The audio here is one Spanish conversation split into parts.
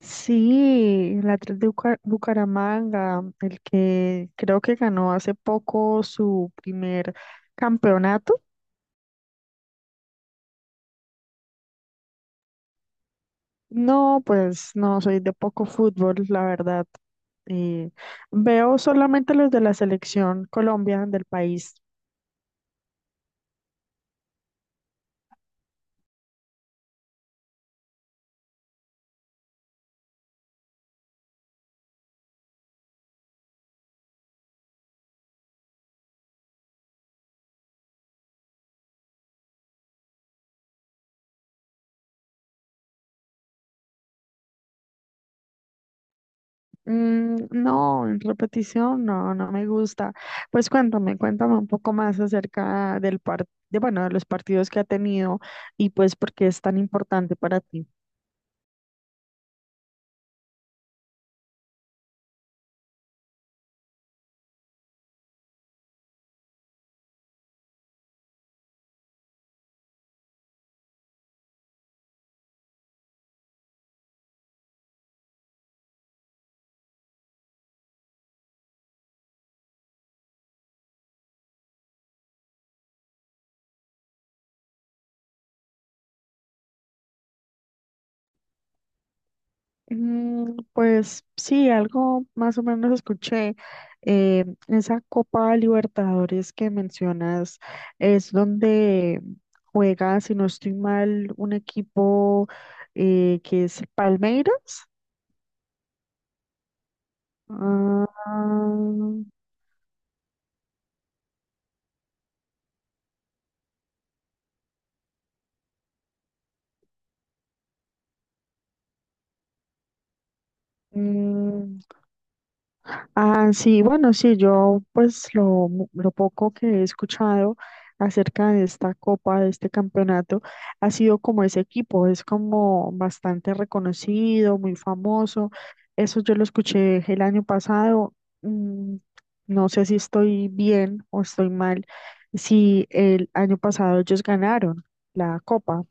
Sí, la 3 de Bucaramanga, el que creo que ganó hace poco su primer campeonato. No, pues no, soy de poco fútbol, la verdad. Eh, Veo solamente los de la selección Colombia del país. No, en repetición, no, no me gusta. Pues cuéntame, cuéntame un poco más acerca del par de, bueno, de los partidos que ha tenido y pues por qué es tan importante para ti. Mm, pues sí, algo más o menos escuché. Esa Copa Libertadores que mencionas es donde juega, si no estoy mal, un equipo que es Palmeiras. Ah, mm, ah, sí, bueno, sí, yo pues lo, lo poco que he escuchado acerca de esta copa, de este campeonato, ha sido como ese equipo, es como bastante reconocido, muy famoso. Eso yo lo escuché el año pasado. Mm, no sé si estoy bien o estoy mal, si el año pasado ellos ganaron la copa,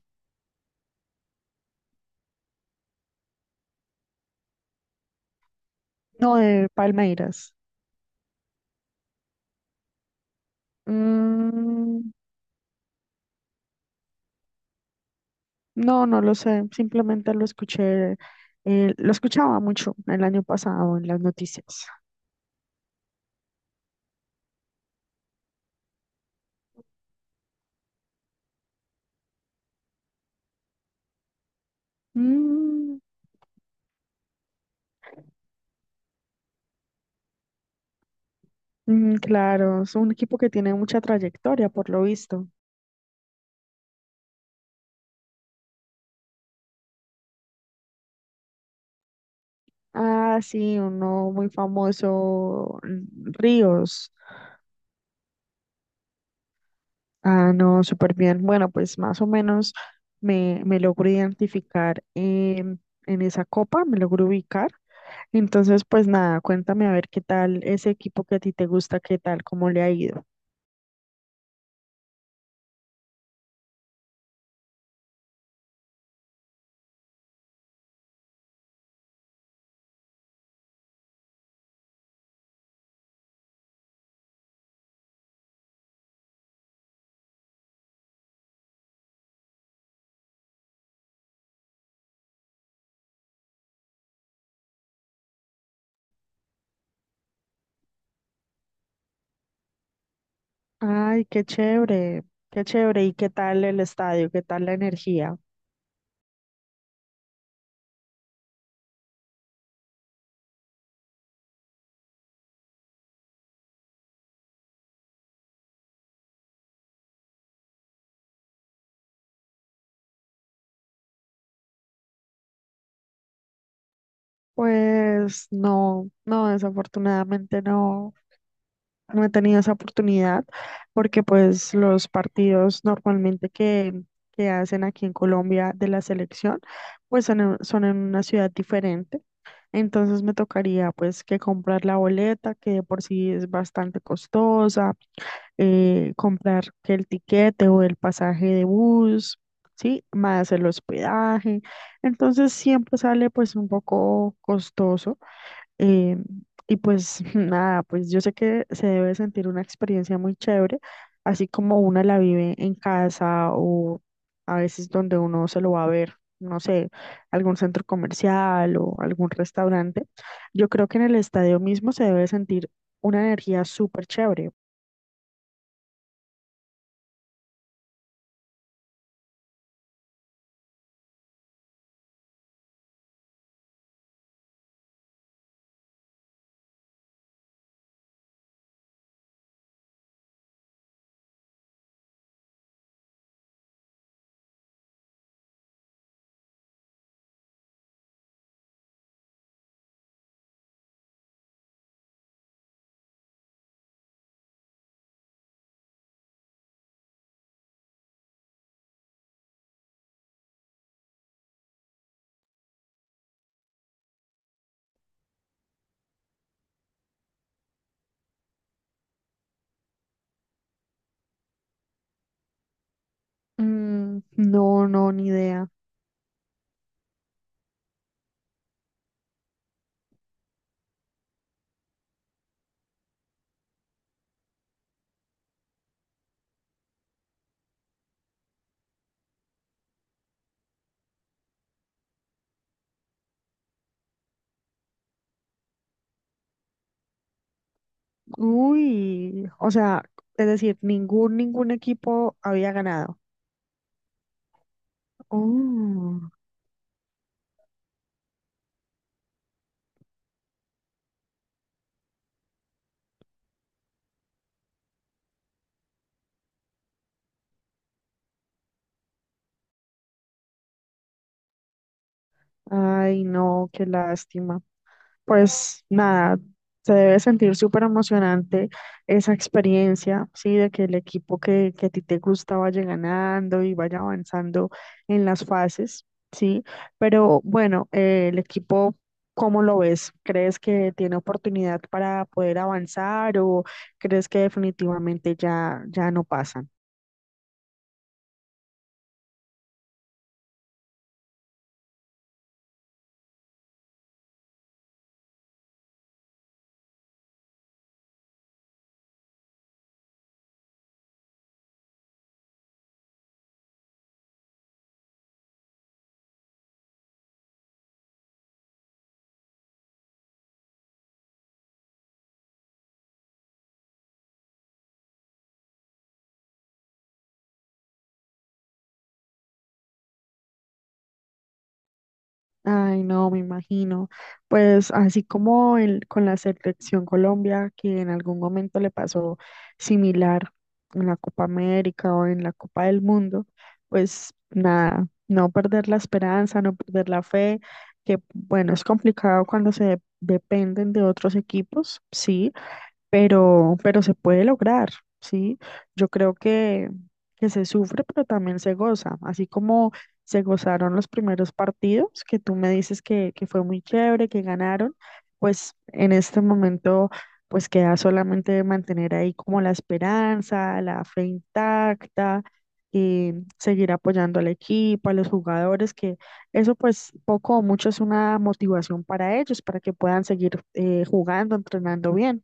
no de Palmeiras. Mm, no, no lo sé, simplemente lo escuché, lo escuchaba mucho el año pasado en las noticias. Mm, mm, claro, es un equipo que tiene mucha trayectoria, por lo visto. Ah, sí, uno muy famoso, mm, Ríos. Ah, no, súper bien. Bueno, pues más o menos me, me logro identificar em, en esa copa, me logro ubicar. Entonces, pues nada, cuéntame a ver qué tal ese equipo que a ti te gusta, qué tal, cómo le ha ido. Ay, qué chévere, qué chévere. ¿Y qué tal el estadio? ¿Qué tal la energía? Pues no, no, desafortunadamente no, no he tenido esa oportunidad porque pues los partidos normalmente que hacen aquí en Colombia de la selección pues son en, son en una ciudad diferente. Entonces me tocaría pues que comprar la boleta que de por sí es bastante costosa, comprar que el tiquete o el pasaje de bus, ¿sí? Más el hospedaje. Entonces siempre sale pues un poco costoso. eh, y pues nada, pues yo sé que se debe sentir una experiencia muy chévere, así como una la vive en casa o a veces donde uno se lo va a ver. No sé, algún centro comercial o algún restaurante, yo creo que en el estadio mismo se debe sentir una energía súper chévere. Mm, no, no, ni idea. Uy, o sea, es decir, ningún, ningún equipo había ganado. Oh, ay, no, qué lástima. Pues nada, se debe sentir súper emocionante esa experiencia, ¿sí? De que el equipo que a ti te gusta vaya ganando y vaya avanzando en las fases, ¿sí? Pero bueno, el equipo, ¿cómo lo ves? ¿Crees que tiene oportunidad para poder avanzar o crees que definitivamente ya, ya no pasan? Ay, no, me imagino. Pues así como el, con la selección Colombia, que en algún momento le pasó similar en la Copa América o en la Copa del Mundo, pues nada, no perder la esperanza, no perder la fe, que bueno, es complicado cuando se dependen de otros equipos, sí, pero se puede lograr, ¿sí? Yo creo que se sufre, pero también se goza, así como se gozaron los primeros partidos, que tú me dices que fue muy chévere, que ganaron, pues en este momento, pues queda solamente mantener ahí como la esperanza, la fe intacta. Y seguir apoyando al equipo, a los jugadores, que eso pues poco o mucho es una motivación para ellos, para que puedan seguir jugando, entrenando bien.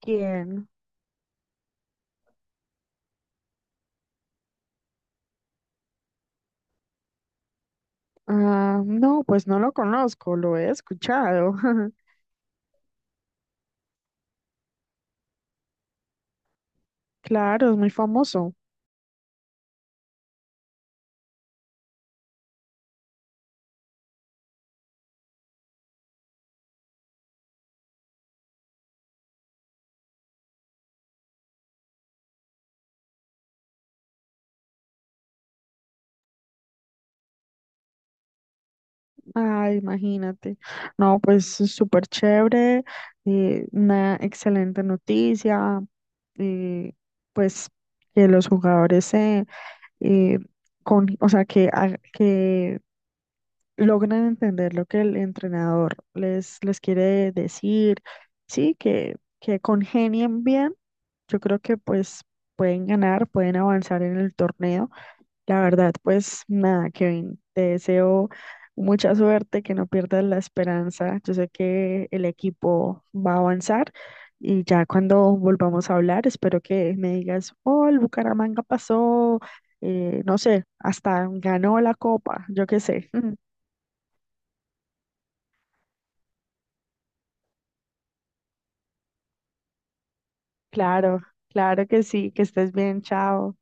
¿Quién? Ah, no, pues no lo conozco, lo he escuchado. Claro, es muy famoso. Ah, imagínate. No, pues es súper chévere, una excelente noticia, eh, pues que los jugadores se, eh, con, o sea, que, que logren entender lo que el entrenador les, les quiere decir, sí, que congenien bien. Yo creo que pues pueden ganar, pueden avanzar en el torneo. La verdad, pues nada, Kevin, te deseo mucha suerte, que no pierdas la esperanza. Yo sé que el equipo va a avanzar y ya cuando volvamos a hablar, espero que me digas, oh, el Bucaramanga pasó, no sé, hasta ganó la copa, yo qué sé. Claro, claro que sí, que estés bien, chao.